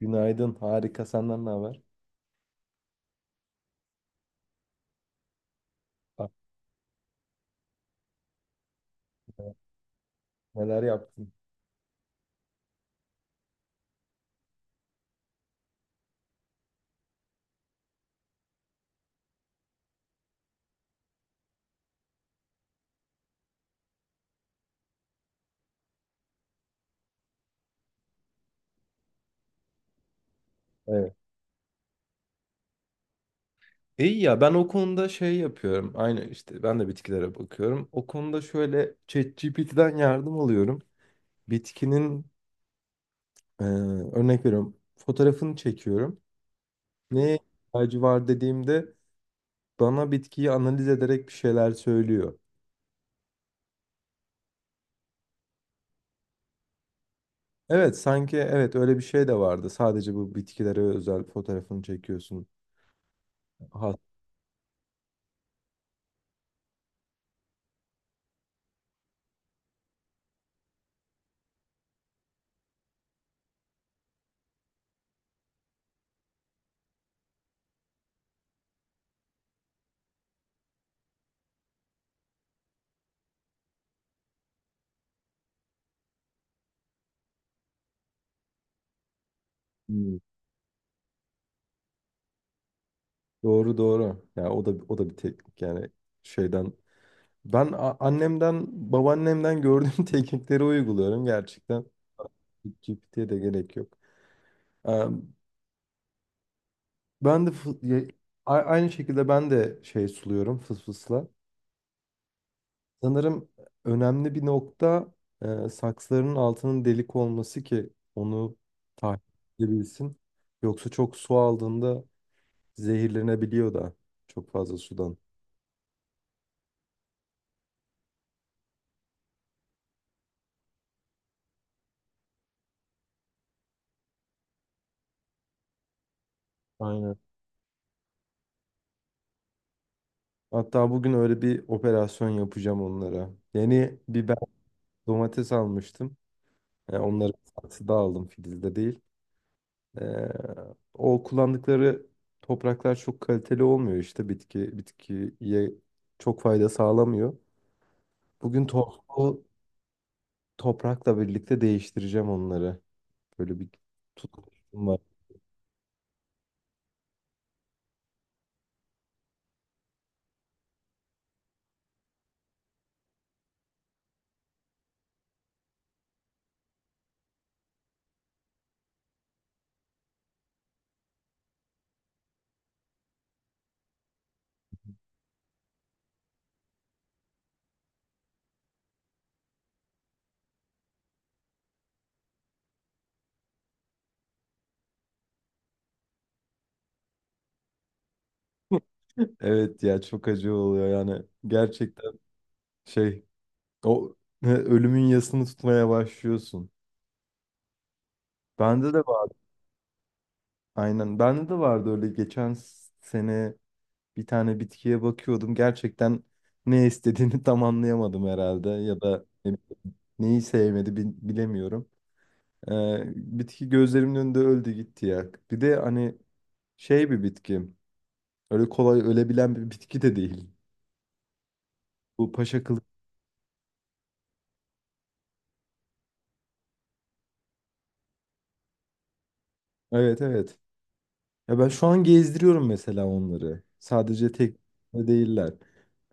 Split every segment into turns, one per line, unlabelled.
Günaydın. Harika. Senden ne haber? Ah, Neler yaptın? Evet. İyi ya ben o konuda şey yapıyorum. Aynı işte ben de bitkilere bakıyorum. O konuda şöyle ChatGPT'den yardım alıyorum. Bitkinin e, örnek veriyorum. Fotoğrafını çekiyorum. Neye ihtiyacı var dediğimde bana bitkiyi analiz ederek bir şeyler söylüyor. Evet, sanki evet öyle bir şey de vardı. Sadece bu bitkilere özel fotoğrafını çekiyorsun. Ha, hmm. Doğru doğru. Ya o da o da bir teknik yani şeyden annemden, babaannemden gördüğüm teknikleri uyguluyorum gerçekten. GPT'ye de gerek yok. Eee, Ben de fı- ya- a- aynı şekilde ben de şey suluyorum fısfısla. Sanırım önemli bir nokta saksıların altının delik olması ki onu takip edebilsin. Yoksa çok su aldığında zehirlenebiliyor da çok fazla sudan. Aynen. Hatta bugün öyle bir operasyon yapacağım onlara. Yeni biber, domates almıştım. Onları saksıda aldım, filizde değil. E, o kullandıkları topraklar çok kaliteli olmuyor, işte bitki bitkiye çok fayda sağlamıyor. Bugün tohumlu toprakla birlikte değiştireceğim onları. Böyle bir tutkum var. Evet ya, çok acı oluyor yani gerçekten, şey o ölümün yasını tutmaya başlıyorsun. Bende de vardı, aynen bende de vardı. Öyle geçen sene bir tane bitkiye bakıyordum. Gerçekten ne istediğini tam anlayamadım herhalde, ya da neyi sevmedi bilemiyorum. Ee, bitki gözlerimin önünde öldü gitti ya. Bir de hani şey bir bitki. Öyle kolay ölebilen bir bitki de değil. Bu paşa kılıcı. Evet evet. Ya ben şu an gezdiriyorum mesela onları. Sadece tek değiller.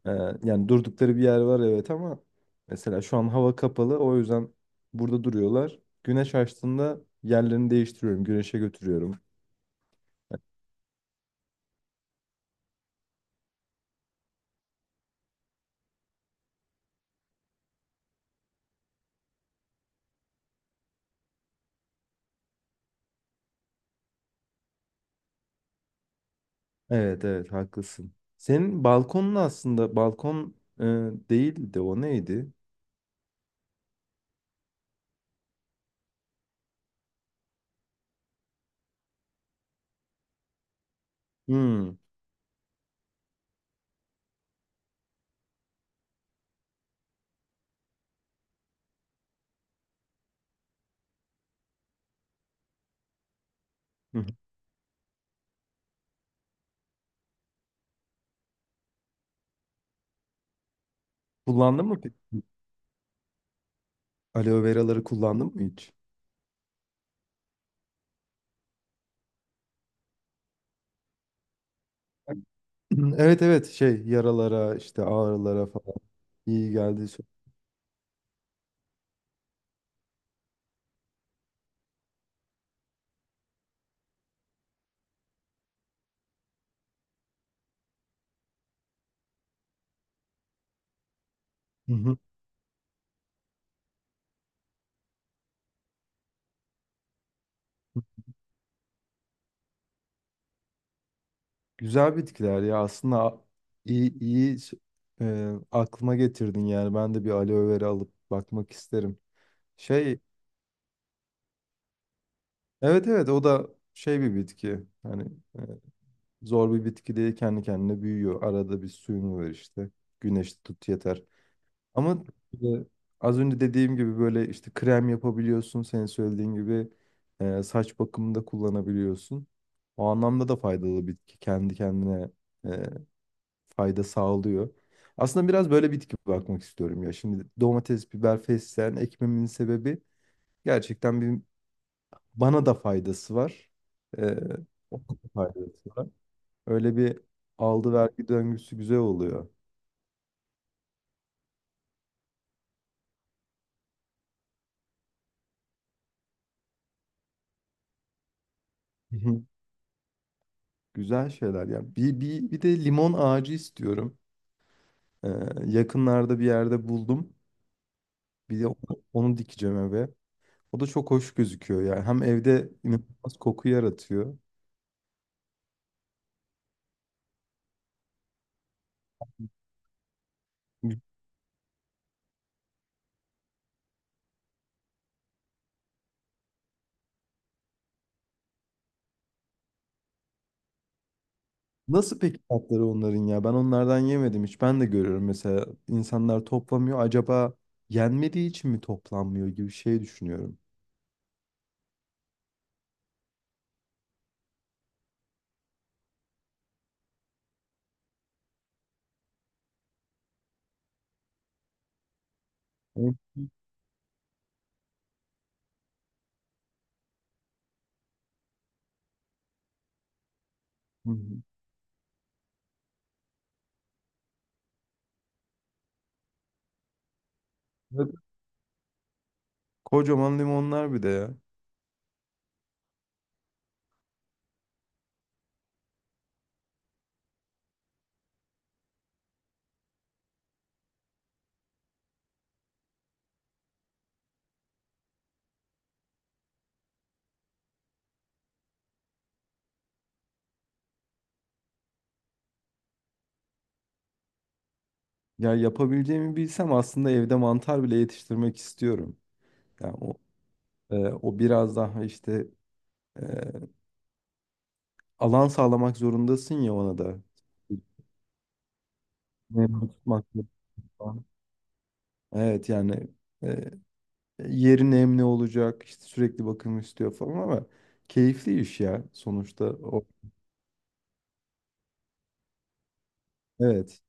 Ee, yani durdukları bir yer var evet, ama mesela şu an hava kapalı, o yüzden burada duruyorlar. Güneş açtığında yerlerini değiştiriyorum, güneşe götürüyorum. Evet evet haklısın. Senin balkonun aslında balkon değildi, o neydi? Hmm. Hı hı. Kullandın mı peki? Aloe veraları kullandın mı hiç? Evet evet, şey yaralara, işte ağrılara falan iyi geldi. Hı hı. Güzel bitkiler ya aslında, iyi iyi aklıma getirdin yani, ben de bir aloe vera alıp bakmak isterim. Şey evet evet, o da şey bir bitki hani, e, zor bir bitki değil, kendi kendine büyüyor, arada bir suyunu ver işte, güneş tut yeter. Ama e, az önce dediğim gibi böyle işte krem yapabiliyorsun. Senin söylediğin gibi saç bakımında kullanabiliyorsun. O anlamda da faydalı bitki. Kendi kendine e, fayda sağlıyor. Aslında biraz böyle bitki bakmak istiyorum ya. Şimdi domates, biber, fesleğen ekmemin sebebi gerçekten bir, bana da faydası var. E, ona da faydası var. Öyle bir aldı vergi döngüsü güzel oluyor. Hı hı. Güzel şeyler ya. Bir de limon ağacı istiyorum. Ee, yakınlarda bir yerde buldum. Bir de onu dikeceğim eve. O da çok hoş gözüküyor yani. Hem evde inanılmaz koku yaratıyor. Nasıl peki tatları onların ya? Ben onlardan yemedim hiç. Ben de görüyorum mesela, insanlar toplamıyor. Acaba yenmediği için mi toplanmıyor gibi şey düşünüyorum. Hı hı. Ve kocaman limonlar bir de ya. Ya yapabileceğimi bilsem aslında evde mantar bile yetiştirmek istiyorum. Yani o biraz daha işte e, alan sağlamak zorundasın ya ona da. Nemli tutmak falan. Evet yani e, yeri nemli olacak, işte sürekli bakım istiyor falan, ama keyifli iş ya sonuçta. O, evet.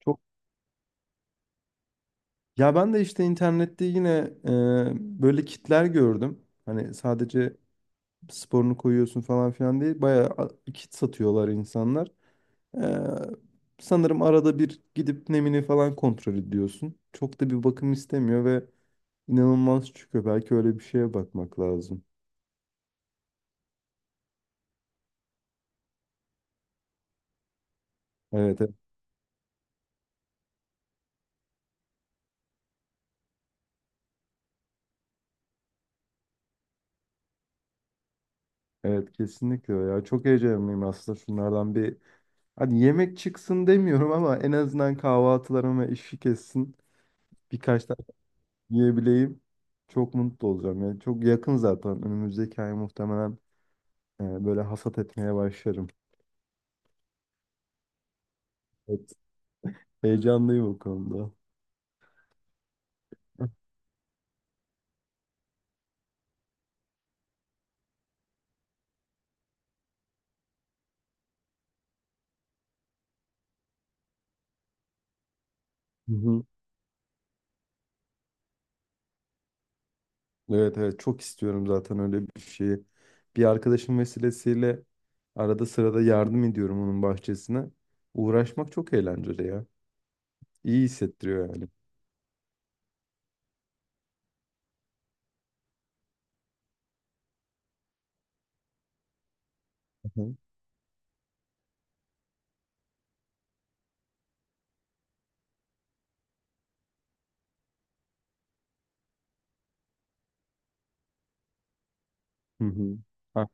Çok ya, ben de işte internette yine böyle kitler gördüm. Hani sadece sporunu koyuyorsun falan filan değil. Bayağı kit satıyorlar insanlar. E, sanırım arada bir gidip nemini falan kontrol ediyorsun. Çok da bir bakım istemiyor ve İnanılmaz çıkıyor. Belki öyle bir şeye bakmak lazım. Evet, evet, evet kesinlikle öyle ya. Çok heyecanlıyım aslında şunlardan bir. Hadi yemek çıksın demiyorum ama en azından kahvaltılarıma işi kessin. Birkaç tane yiyebileyim. Çok mutlu olacağım. Yani çok yakın zaten. Önümüzdeki ay muhtemelen böyle hasat etmeye başlarım. Evet, heyecanlıyım o konuda. Hı hı. Evet evet, çok istiyorum zaten öyle bir şeyi. Bir arkadaşım vesilesiyle arada sırada yardım ediyorum onun bahçesine. Uğraşmak çok eğlenceli ya. İyi hissettiriyor yani. Hı hı. Hı hı. Ha,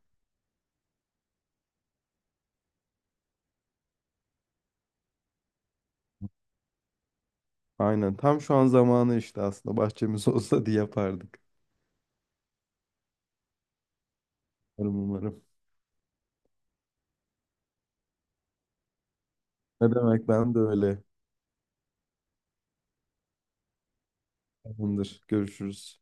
aynen. Tam şu an zamanı, işte aslında bahçemiz olsa diye yapardık. Umarım umarım. Ne demek, ben de öyle. Tamamdır. Görüşürüz.